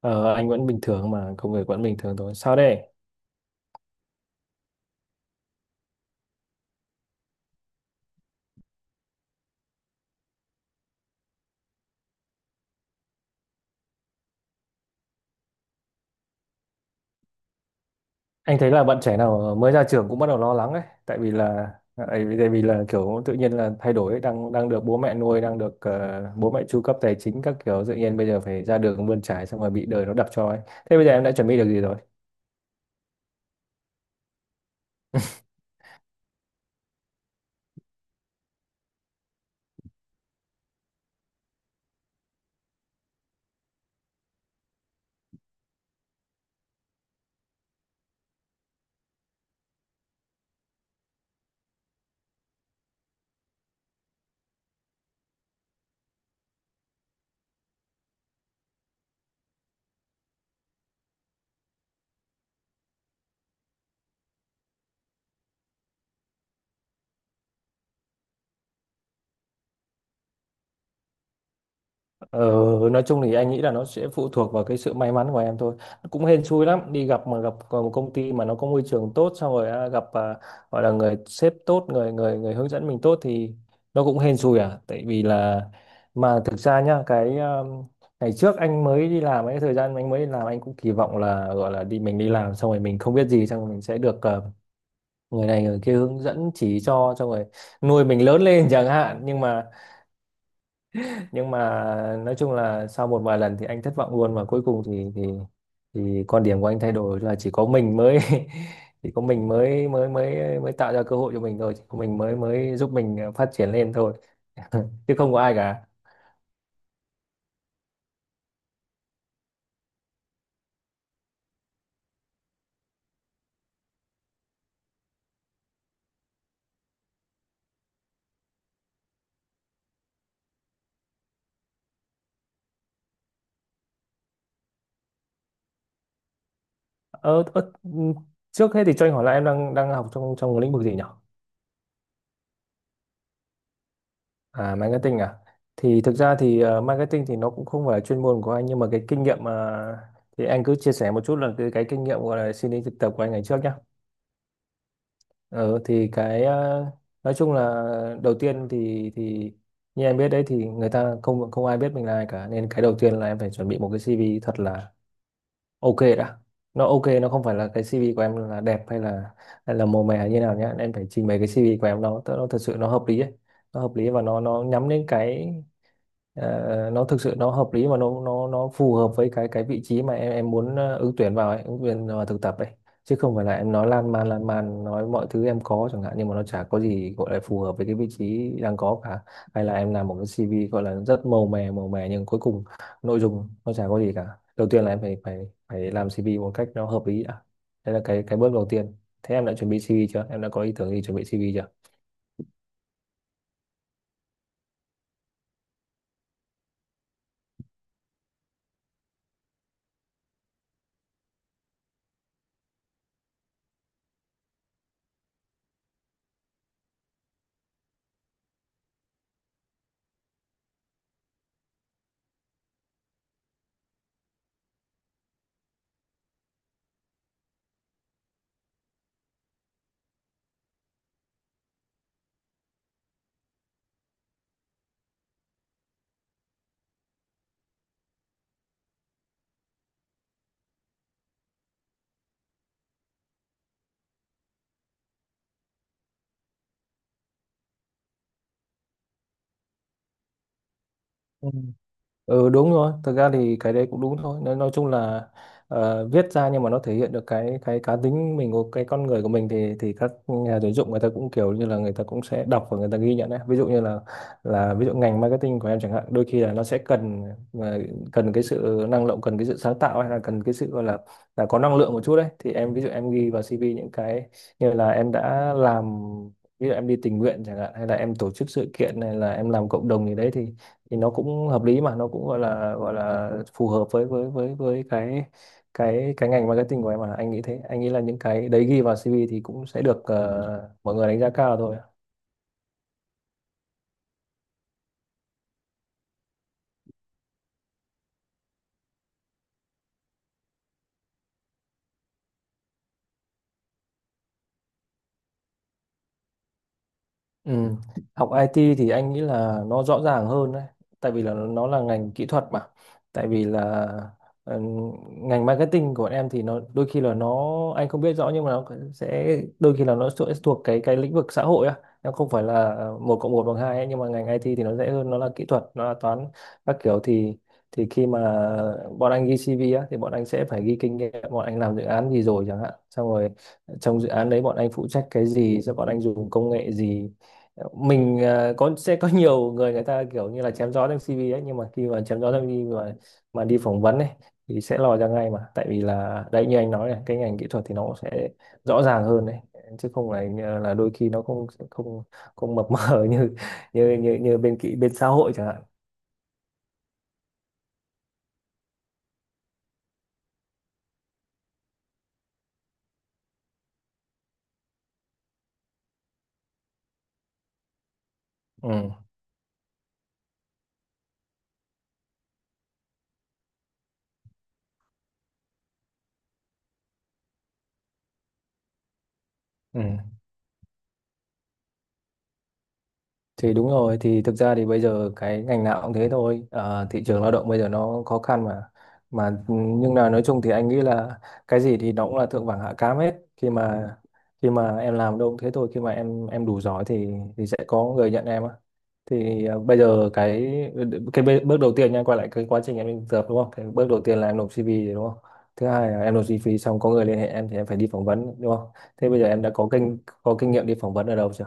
Ờ, anh vẫn bình thường, mà công việc vẫn bình thường thôi sao đây. Anh thấy là bạn trẻ nào mới ra trường cũng bắt đầu lo lắng ấy, tại vì là tại vì là kiểu tự nhiên là thay đổi ấy. Đang đang được bố mẹ nuôi, đang được bố mẹ chu cấp tài chính các kiểu, tự nhiên bây giờ phải ra đường bươn trải, xong rồi bị đời nó đập cho ấy. Thế bây giờ em đã chuẩn bị được gì rồi? Ờ, nói chung thì anh nghĩ là nó sẽ phụ thuộc vào cái sự may mắn của em thôi. Cũng hên xui lắm, đi gặp mà gặp một công ty mà nó có môi trường tốt, xong rồi gặp, gọi là người sếp tốt, người người người hướng dẫn mình tốt thì nó cũng hên xui à. Tại vì là mà thực ra nhá, cái ngày trước anh mới đi làm, cái thời gian anh mới đi làm anh cũng kỳ vọng là gọi là đi, mình đi làm xong rồi mình không biết gì, xong rồi mình sẽ được người này người kia hướng dẫn chỉ cho, xong rồi nuôi mình lớn lên chẳng hạn, nhưng mà nói chung là sau một vài lần thì anh thất vọng luôn, và cuối cùng thì thì quan điểm của anh thay đổi là chỉ có mình mới chỉ có mình mới mới tạo ra cơ hội cho mình thôi, chỉ có mình mới mới giúp mình phát triển lên thôi chứ không có ai cả. ờ, ờ, Trước hết thì cho anh hỏi là em đang đang học trong trong lĩnh vực gì nhỉ? À, marketing à. Thì thực ra thì marketing thì nó cũng không phải là chuyên môn của anh, nhưng mà cái kinh nghiệm mà thì anh cứ chia sẻ một chút là cái kinh nghiệm gọi là xin đi thực tập của anh ngày trước nhé. Ờ thì cái ờ, nói chung là đầu tiên thì như em biết đấy, thì người ta không không ai biết mình là ai cả, nên cái đầu tiên là em phải chuẩn bị một cái CV thật là ok đã. Nó ok, nó không phải là cái CV của em là đẹp hay là màu mè như nào nhá. Em phải trình bày cái CV của em nó thật sự nó hợp lý ấy. Nó hợp lý và nó nhắm đến cái nó thực sự nó hợp lý mà nó phù hợp với cái vị trí mà em muốn ứng tuyển vào ấy, ứng tuyển vào thực tập ấy, chứ không phải là em nói lan man nói mọi thứ em có chẳng hạn, nhưng mà nó chả có gì gọi là phù hợp với cái vị trí đang có cả, hay là em làm một cái CV gọi là rất màu mè nhưng cuối cùng nội dung nó chả có gì cả. Đầu tiên là em phải phải phải làm CV một cách nó hợp lý đã, đấy là cái bước đầu tiên. Thế em đã chuẩn bị CV chưa, em đã có ý tưởng gì chuẩn bị CV chưa? Ừ đúng rồi, thực ra thì cái đấy cũng đúng thôi. Nói chung là viết ra nhưng mà nó thể hiện được cái cá tính mình của cái con người của mình, thì các nhà tuyển dụng người ta cũng kiểu như là người ta cũng sẽ đọc và người ta ghi nhận đấy. Ví dụ như là ví dụ ngành marketing của em chẳng hạn, đôi khi là nó sẽ cần ờ, cần cái sự năng động, cần cái sự sáng tạo, hay là cần cái sự gọi là có năng lượng một chút đấy. Thì em, ví dụ em ghi vào CV những cái như là em đã làm, ví dụ em đi tình nguyện chẳng hạn, hay là em tổ chức sự kiện, này là em làm cộng đồng gì đấy, thì nó cũng hợp lý mà nó cũng gọi là phù hợp với với cái cái ngành marketing của em. Mà anh nghĩ thế, anh nghĩ là những cái đấy ghi vào CV thì cũng sẽ được mọi người đánh giá cao thôi. Ừ. Học IT thì anh nghĩ là nó rõ ràng hơn đấy, tại vì là nó là ngành kỹ thuật mà. Tại vì là ừ, ngành marketing của bọn em thì nó đôi khi là nó, anh không biết rõ, nhưng mà nó sẽ đôi khi là nó sẽ thuộc cái lĩnh vực xã hội á, nó không phải là một cộng một bằng hai ấy, nhưng mà ngành IT thì nó dễ hơn, nó là kỹ thuật, nó là toán các kiểu, thì khi mà bọn anh ghi CV á thì bọn anh sẽ phải ghi kinh nghiệm, bọn anh làm dự án gì rồi chẳng hạn, xong rồi trong dự án đấy bọn anh phụ trách cái gì, rồi bọn anh dùng công nghệ gì. Mình ờ, có sẽ có nhiều người, người ta kiểu như là chém gió trong CV ấy, nhưng mà khi mà chém gió trong CV mà đi phỏng vấn ấy thì sẽ lòi ra ngay mà, tại vì là đấy, như anh nói này, cái ngành kỹ thuật thì nó cũng sẽ rõ ràng hơn đấy, chứ không phải như là đôi khi nó không không không mập mờ như như bên kỹ, bên xã hội chẳng hạn. ừ, ừ. Thì đúng rồi, thì thực ra thì bây giờ cái ngành nào cũng thế thôi. Ờ, thị trường lao động bây giờ nó khó khăn mà. Mà nhưng là nói chung thì anh nghĩ là cái gì thì nó cũng là thượng vàng hạ cám hết. Khi mà em làm đâu cũng thế thôi, khi mà em đủ giỏi thì sẽ có người nhận em á. Thì ờ, bây giờ cái bước đầu tiên nha, quay lại cái quá trình em đi thực tập đúng không? Cái bước đầu tiên là em nộp CV đúng không? Thứ hai là em nộp CV xong có người liên hệ em, thì em phải đi phỏng vấn đúng không? Thế bây giờ em đã có có kinh nghiệm đi phỏng vấn ở đâu chưa?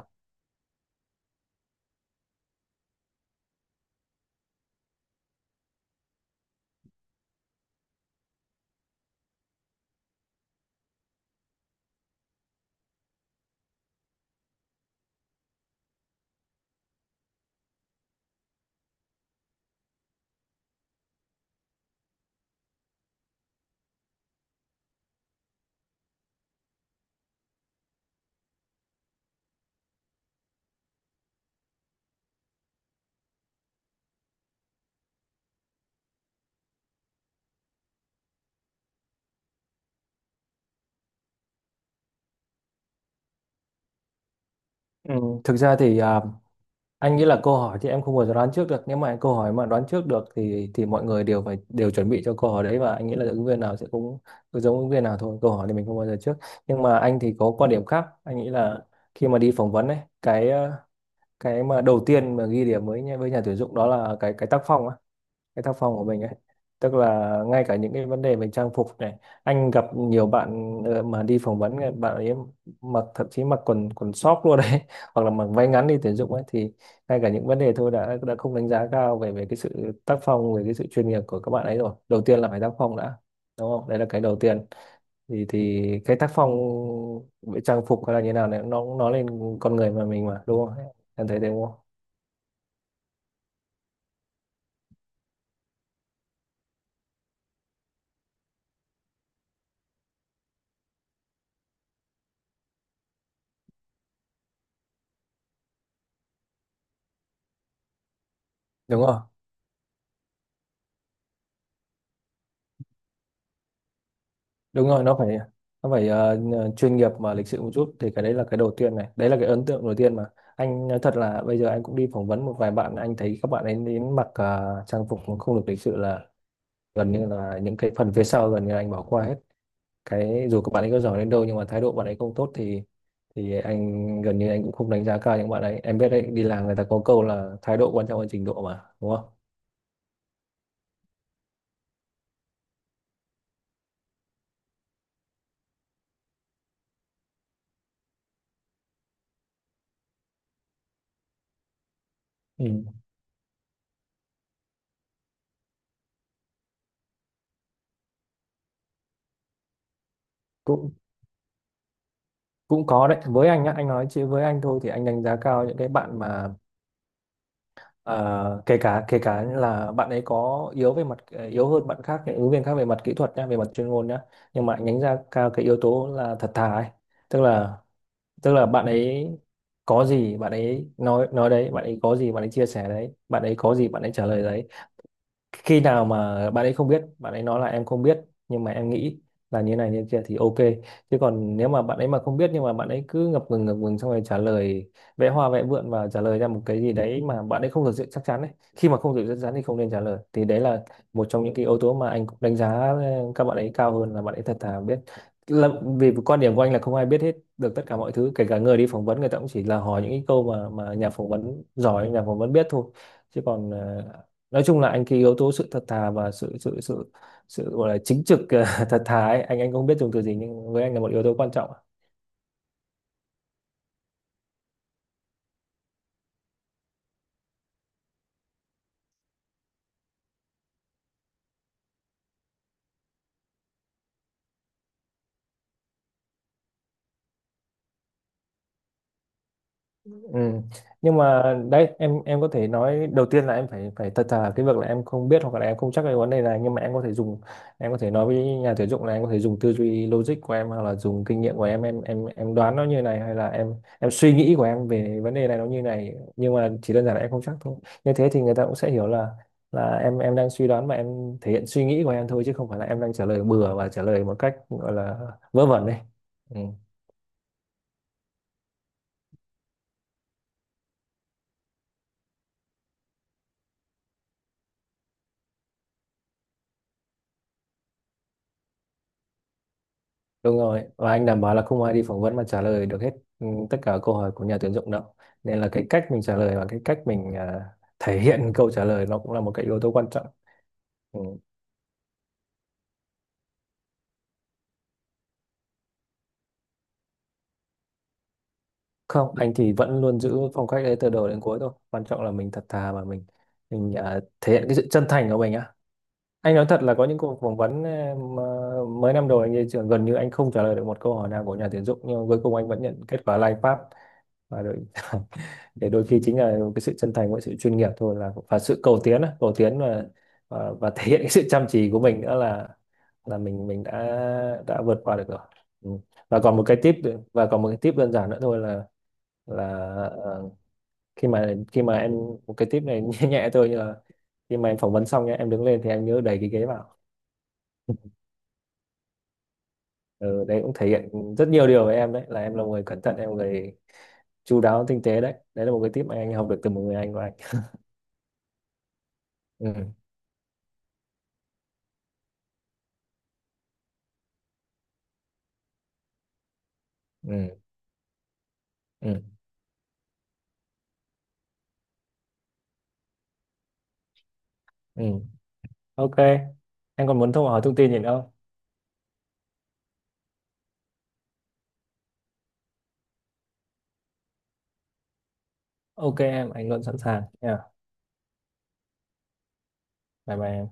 Ừ, Thực ra thì anh nghĩ là câu hỏi thì em không bao giờ đoán trước được. Nếu mà câu hỏi mà đoán trước được thì mọi người đều phải đều chuẩn bị cho câu hỏi đấy, và anh nghĩ là ứng viên nào sẽ cũng cũng giống ứng viên nào thôi. Câu hỏi thì mình không bao giờ trước. Nhưng mà anh thì có quan điểm khác. Anh nghĩ là khi mà đi phỏng vấn ấy, cái mà đầu tiên mà ghi điểm với với nhà tuyển dụng đó là cái tác phong á, cái tác phong của mình ấy, tức là ngay cả những cái vấn đề về trang phục này, anh gặp nhiều bạn mà đi phỏng vấn ấy, bạn ấy mặc, thậm chí mặc quần quần sóc luôn đấy, hoặc là mặc váy ngắn đi tuyển dụng ấy, thì ngay cả những vấn đề thôi đã không đánh giá cao về về cái sự tác phong, về cái sự chuyên nghiệp của các bạn ấy rồi. Đầu tiên là phải tác phong đã, đúng không, đấy là cái đầu tiên. Thì cái tác phong về trang phục hay là như nào này, nó cũng nói lên con người mình mà, đúng không? Em thấy thế đúng không? Đúng rồi, đúng rồi, nó phải, nó phải chuyên nghiệp mà lịch sự một chút, thì cái đấy là cái đầu tiên này, đấy là cái ấn tượng đầu tiên mà. Anh nói thật là bây giờ anh cũng đi phỏng vấn một vài bạn, anh thấy các bạn ấy đến mặc trang phục mà không được lịch sự là gần như là những cái phần phía sau gần như là anh bỏ qua hết, cái dù các bạn ấy có giỏi đến đâu nhưng mà thái độ bạn ấy không tốt thì anh gần như anh cũng không đánh giá cao những bạn ấy. Em biết đấy, đi làm người ta có câu là thái độ quan trọng hơn trình độ mà, đúng không? Ừ. cũng cũng có đấy với anh nhá, anh nói chứ với anh thôi thì anh đánh giá cao những cái bạn mà kể cả là bạn ấy có yếu về mặt yếu hơn bạn khác, những ứng viên khác về mặt kỹ thuật nhá, về mặt chuyên môn nhá, nhưng mà nhánh ra cao cái yếu tố là thật thà ấy. Tức là tức là bạn ấy có gì bạn ấy nói đấy, bạn ấy có gì bạn ấy chia sẻ đấy, bạn ấy có gì bạn ấy trả lời đấy. Khi nào mà bạn ấy không biết, bạn ấy nói là em không biết nhưng mà em nghĩ là như này như kia thì ok, chứ còn nếu mà bạn ấy mà không biết nhưng mà bạn ấy cứ ngập ngừng xong rồi trả lời, vẽ hoa vẽ vượn và trả lời ra một cái gì đấy mà bạn ấy không thực sự chắc chắn ấy. Khi mà không thực sự chắc chắn thì không nên trả lời, thì đấy là một trong những cái yếu tố mà anh cũng đánh giá các bạn ấy cao hơn, là bạn ấy thật thà, biết là vì quan điểm của anh là không ai biết hết được tất cả mọi thứ, kể cả người đi phỏng vấn, người ta cũng chỉ là hỏi những cái câu mà nhà phỏng vấn giỏi, nhà phỏng vấn biết thôi. Chứ còn nói chung là anh cái yếu tố sự thật thà và sự sự sự sự gọi là chính trực thật thà ấy, anh không biết dùng từ gì nhưng với anh là một yếu tố quan trọng. Ừ. Nhưng mà đấy, em có thể nói đầu tiên là em phải phải thật thà cái việc là em không biết hoặc là em không chắc cái vấn đề này, nhưng mà em có thể dùng, em có thể nói với nhà tuyển dụng là em có thể dùng tư duy logic của em hoặc là dùng kinh nghiệm của em đoán nó như này, hay là em suy nghĩ của em về vấn đề này nó như này, nhưng mà chỉ đơn giản là em không chắc thôi. Như thế thì người ta cũng sẽ hiểu là em đang suy đoán và em thể hiện suy nghĩ của em thôi, chứ không phải là em đang trả lời bừa và trả lời một cách gọi là vớ vẩn đấy. Đúng rồi, và anh đảm bảo là không ai đi phỏng vấn mà trả lời được hết ừ, tất cả câu hỏi của nhà tuyển dụng đâu. Nên là cái cách mình trả lời và cái cách mình thể hiện câu trả lời nó cũng là một cái yếu tố quan trọng. Ừ. Không, anh thì vẫn luôn giữ phong cách đấy từ đầu đến cuối thôi. Quan trọng là mình thật thà và mình thể hiện cái sự chân thành của mình á. Anh nói thật là có những cuộc phỏng vấn mà mấy năm đầu anh đi trường gần như anh không trả lời được một câu hỏi nào của nhà tuyển dụng, nhưng mà cuối cùng anh vẫn nhận kết quả là anh pass. Và đôi, để đôi khi chính là cái sự chân thành với sự chuyên nghiệp thôi, là và sự cầu tiến á, cầu tiến và, và thể hiện cái sự chăm chỉ của mình nữa, là mình đã vượt qua được rồi. Ừ. Và còn một cái tip, và còn một cái tip đơn giản nữa thôi là là ờ, khi mà em, một cái tip này nhẹ nhẹ thôi, như là khi mà em phỏng vấn xong nhá, em đứng lên thì em nhớ đẩy cái ghế vào. Ừ, đấy cũng thể hiện rất nhiều điều với em đấy, là em là một người cẩn thận, em là một người chu đáo, tinh tế đấy. Đấy là một cái tip mà anh học được từ một người anh của anh. Ừ. Ừ. Ừ. Ừ. Ok em, còn muốn thông hỏi thông tin gì nữa không? Ok em, anh luôn sẵn sàng nha. Bye bye em.